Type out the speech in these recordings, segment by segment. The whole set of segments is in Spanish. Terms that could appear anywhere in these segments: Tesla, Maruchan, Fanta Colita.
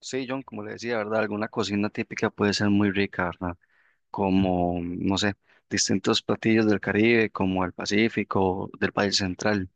Sí, John, como le decía, ¿verdad? Alguna cocina típica puede ser muy rica, ¿verdad? Como, no sé, distintos platillos del Caribe, como el Pacífico, del país central.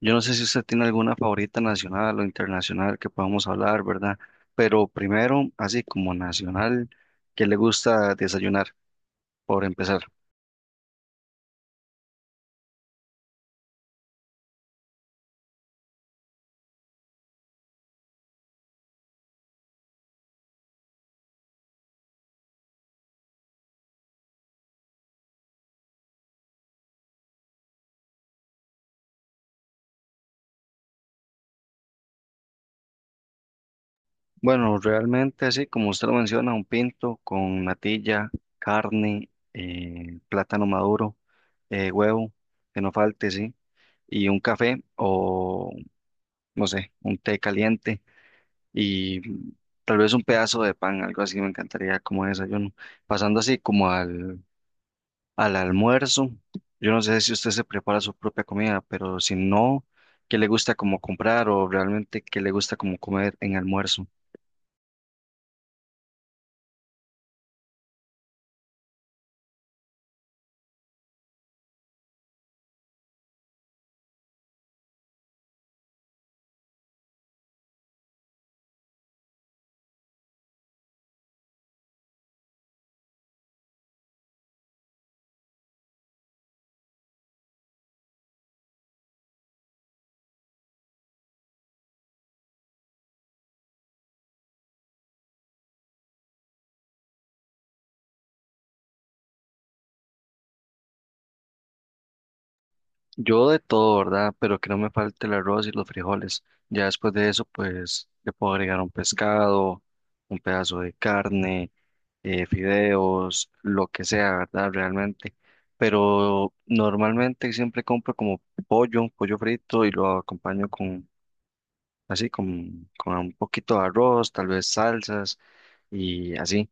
Yo no sé si usted tiene alguna favorita nacional o internacional que podamos hablar, ¿verdad? Pero primero, así como nacional, ¿qué le gusta desayunar, por empezar? Bueno, realmente, así como usted lo menciona, un pinto con natilla, carne, plátano maduro, huevo, que no falte, sí. Y un café o, no sé, un té caliente y tal vez un pedazo de pan, algo así me encantaría como desayuno. Pasando así como al almuerzo, yo no sé si usted se prepara su propia comida, pero si no, ¿qué le gusta como comprar o realmente qué le gusta como comer en almuerzo? Yo de todo, ¿verdad? Pero que no me falte el arroz y los frijoles. Ya después de eso, pues le puedo agregar un pescado, un pedazo de carne, fideos, lo que sea, ¿verdad? Realmente. Pero normalmente siempre compro como pollo, pollo frito y lo acompaño con, así, con un poquito de arroz, tal vez salsas y así.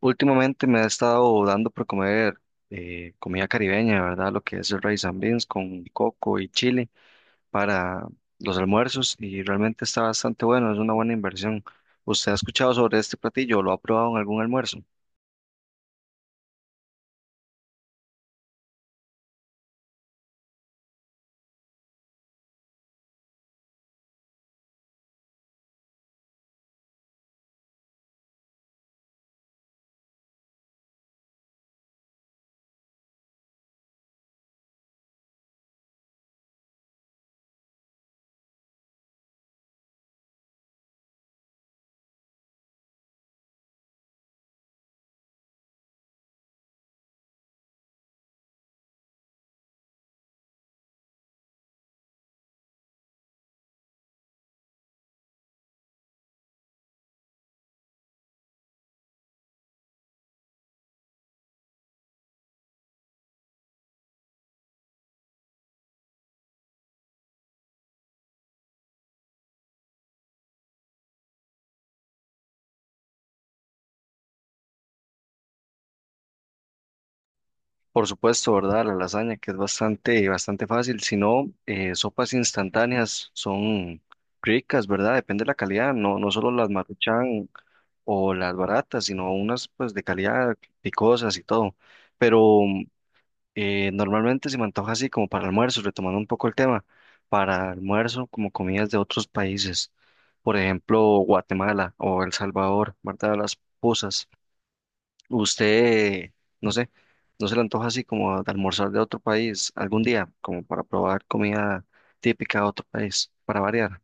Últimamente me ha estado dando por comer comida caribeña, ¿verdad? Lo que es el rice and beans con coco y chile para los almuerzos y realmente está bastante bueno, es una buena inversión. ¿Usted ha escuchado sobre este platillo? ¿Lo ha probado en algún almuerzo? Por supuesto, ¿verdad? La lasaña, que es bastante, bastante fácil. Si no, sopas instantáneas son ricas, ¿verdad? Depende de la calidad, no, no solo las Maruchan o las baratas, sino unas pues de calidad picosas y todo. Pero normalmente se me antoja así como para almuerzo, retomando un poco el tema, para almuerzo como comidas de otros países, por ejemplo, Guatemala o El Salvador, ¿verdad? Las puzas. Usted, no sé, no se le antoja así como de almorzar de otro país algún día, como para probar comida típica de otro país, para variar.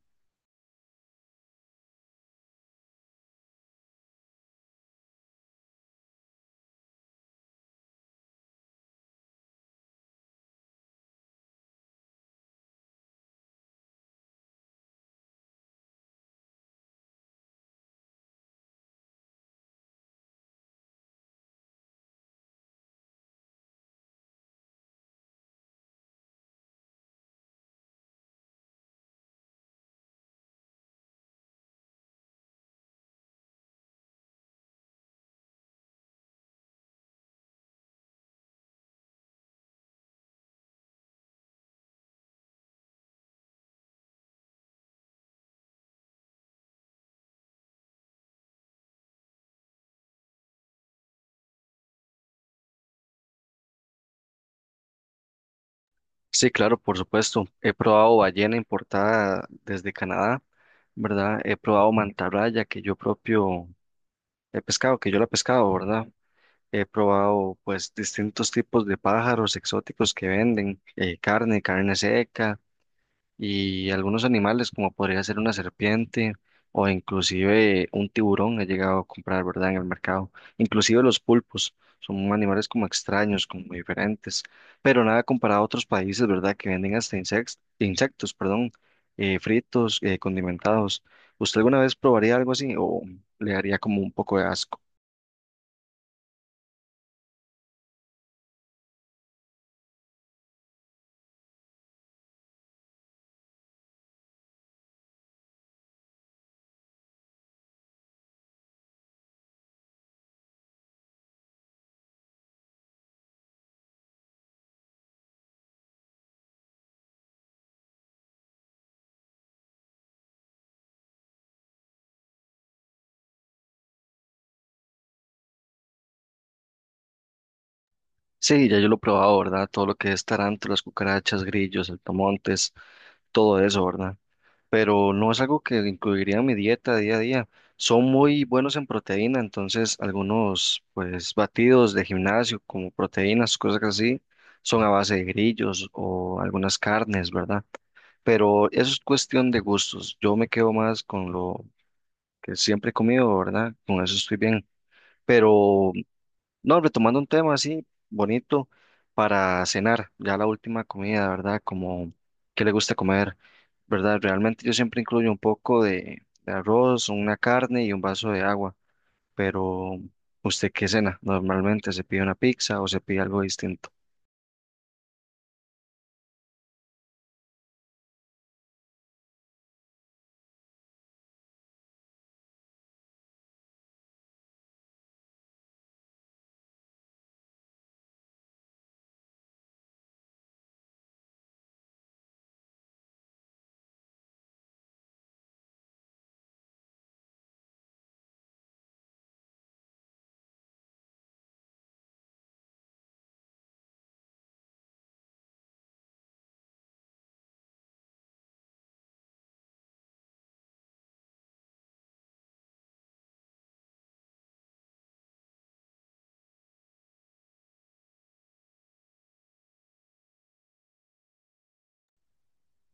Sí, claro, por supuesto. He probado ballena importada desde Canadá, ¿verdad? He probado mantarraya que yo propio he pescado, que yo la he pescado, ¿verdad? He probado pues distintos tipos de pájaros exóticos que venden, carne, carne seca. Y algunos animales como podría ser una serpiente o inclusive un tiburón he llegado a comprar, ¿verdad? En el mercado. Inclusive los pulpos son animales como extraños, como diferentes, pero nada comparado a otros países, ¿verdad? Que venden hasta insectos, insectos, perdón, fritos, condimentados. ¿Usted alguna vez probaría algo así o le daría como un poco de asco? Sí, ya yo lo he probado, ¿verdad? Todo lo que es tarántulas, cucarachas, grillos, saltamontes, todo eso, ¿verdad? Pero no es algo que incluiría en mi dieta día a día. Son muy buenos en proteína, entonces algunos pues batidos de gimnasio como proteínas, cosas así, son a base de grillos o algunas carnes, ¿verdad? Pero eso es cuestión de gustos. Yo me quedo más con lo que siempre he comido, ¿verdad? Con eso estoy bien. Pero no, retomando un tema así bonito para cenar, ya la última comida, ¿verdad? Como qué le gusta comer, ¿verdad? Realmente yo siempre incluyo un poco de arroz, una carne y un vaso de agua, pero ¿usted qué cena? Normalmente se pide una pizza o se pide algo distinto.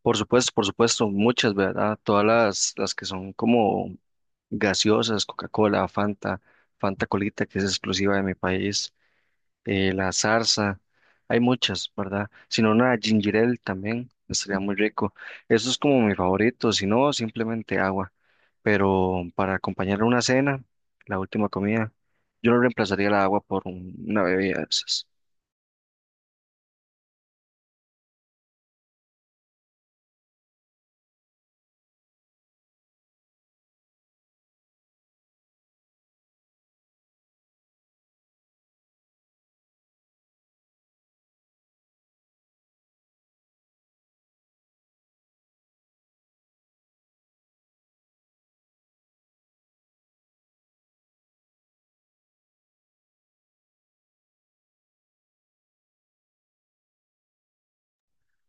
Por supuesto, muchas, ¿verdad? Todas las que son como gaseosas, Coca-Cola, Fanta, Fanta Colita, que es exclusiva de mi país. La zarza, hay muchas, ¿verdad? Si no, una ginger ale también estaría muy rico. Eso es como mi favorito, si no, simplemente agua. Pero para acompañar una cena, la última comida, yo no reemplazaría la agua por una bebida de esas.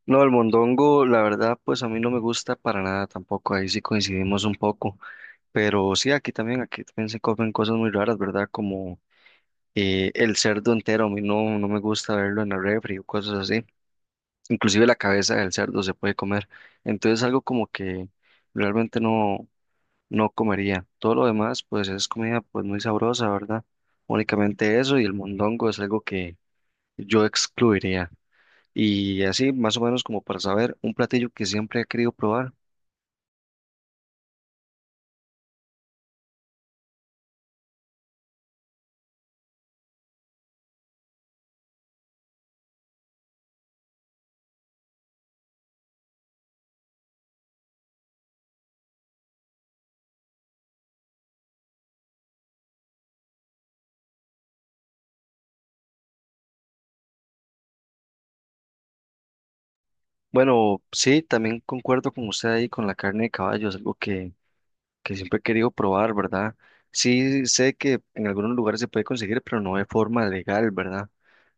No, el mondongo, la verdad, pues a mí no me gusta para nada tampoco, ahí sí coincidimos un poco, pero sí, aquí también se comen cosas muy raras, ¿verdad? Como el cerdo entero, a mí no, no me gusta verlo en la refri o cosas así. Inclusive la cabeza del cerdo se puede comer. Entonces algo como que realmente no, no comería. Todo lo demás pues es comida pues muy sabrosa, ¿verdad? Únicamente eso y el mondongo es algo que yo excluiría. Y así más o menos como para saber, un platillo que siempre he querido probar. Bueno, sí, también concuerdo con usted ahí con la carne de caballo, es algo que siempre he querido probar, ¿verdad? Sí sé que en algunos lugares se puede conseguir, pero no de forma legal, ¿verdad?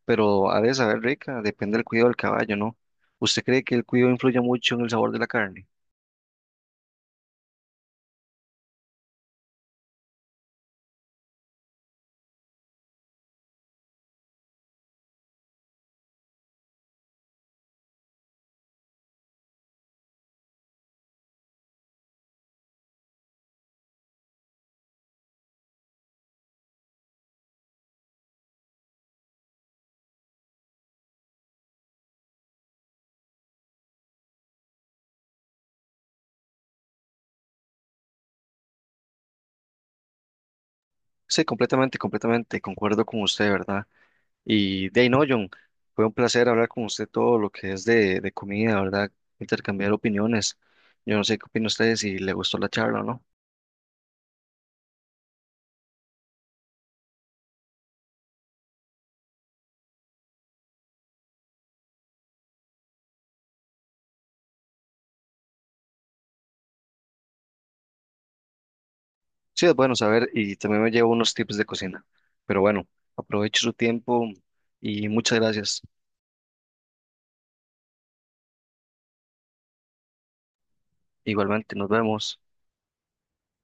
Pero ha de saber rica, depende del cuidado del caballo, ¿no? ¿Usted cree que el cuidado influye mucho en el sabor de la carne? Sí, completamente, completamente, concuerdo con usted, ¿verdad? Y de ahí no, John, fue un placer hablar con usted todo lo que es de comida, ¿verdad? Intercambiar opiniones. Yo no sé qué opina usted, si le gustó la charla o no. Sí, es bueno saber y también me llevo unos tips de cocina. Pero bueno, aprovecho su tiempo y muchas gracias. Igualmente, nos vemos.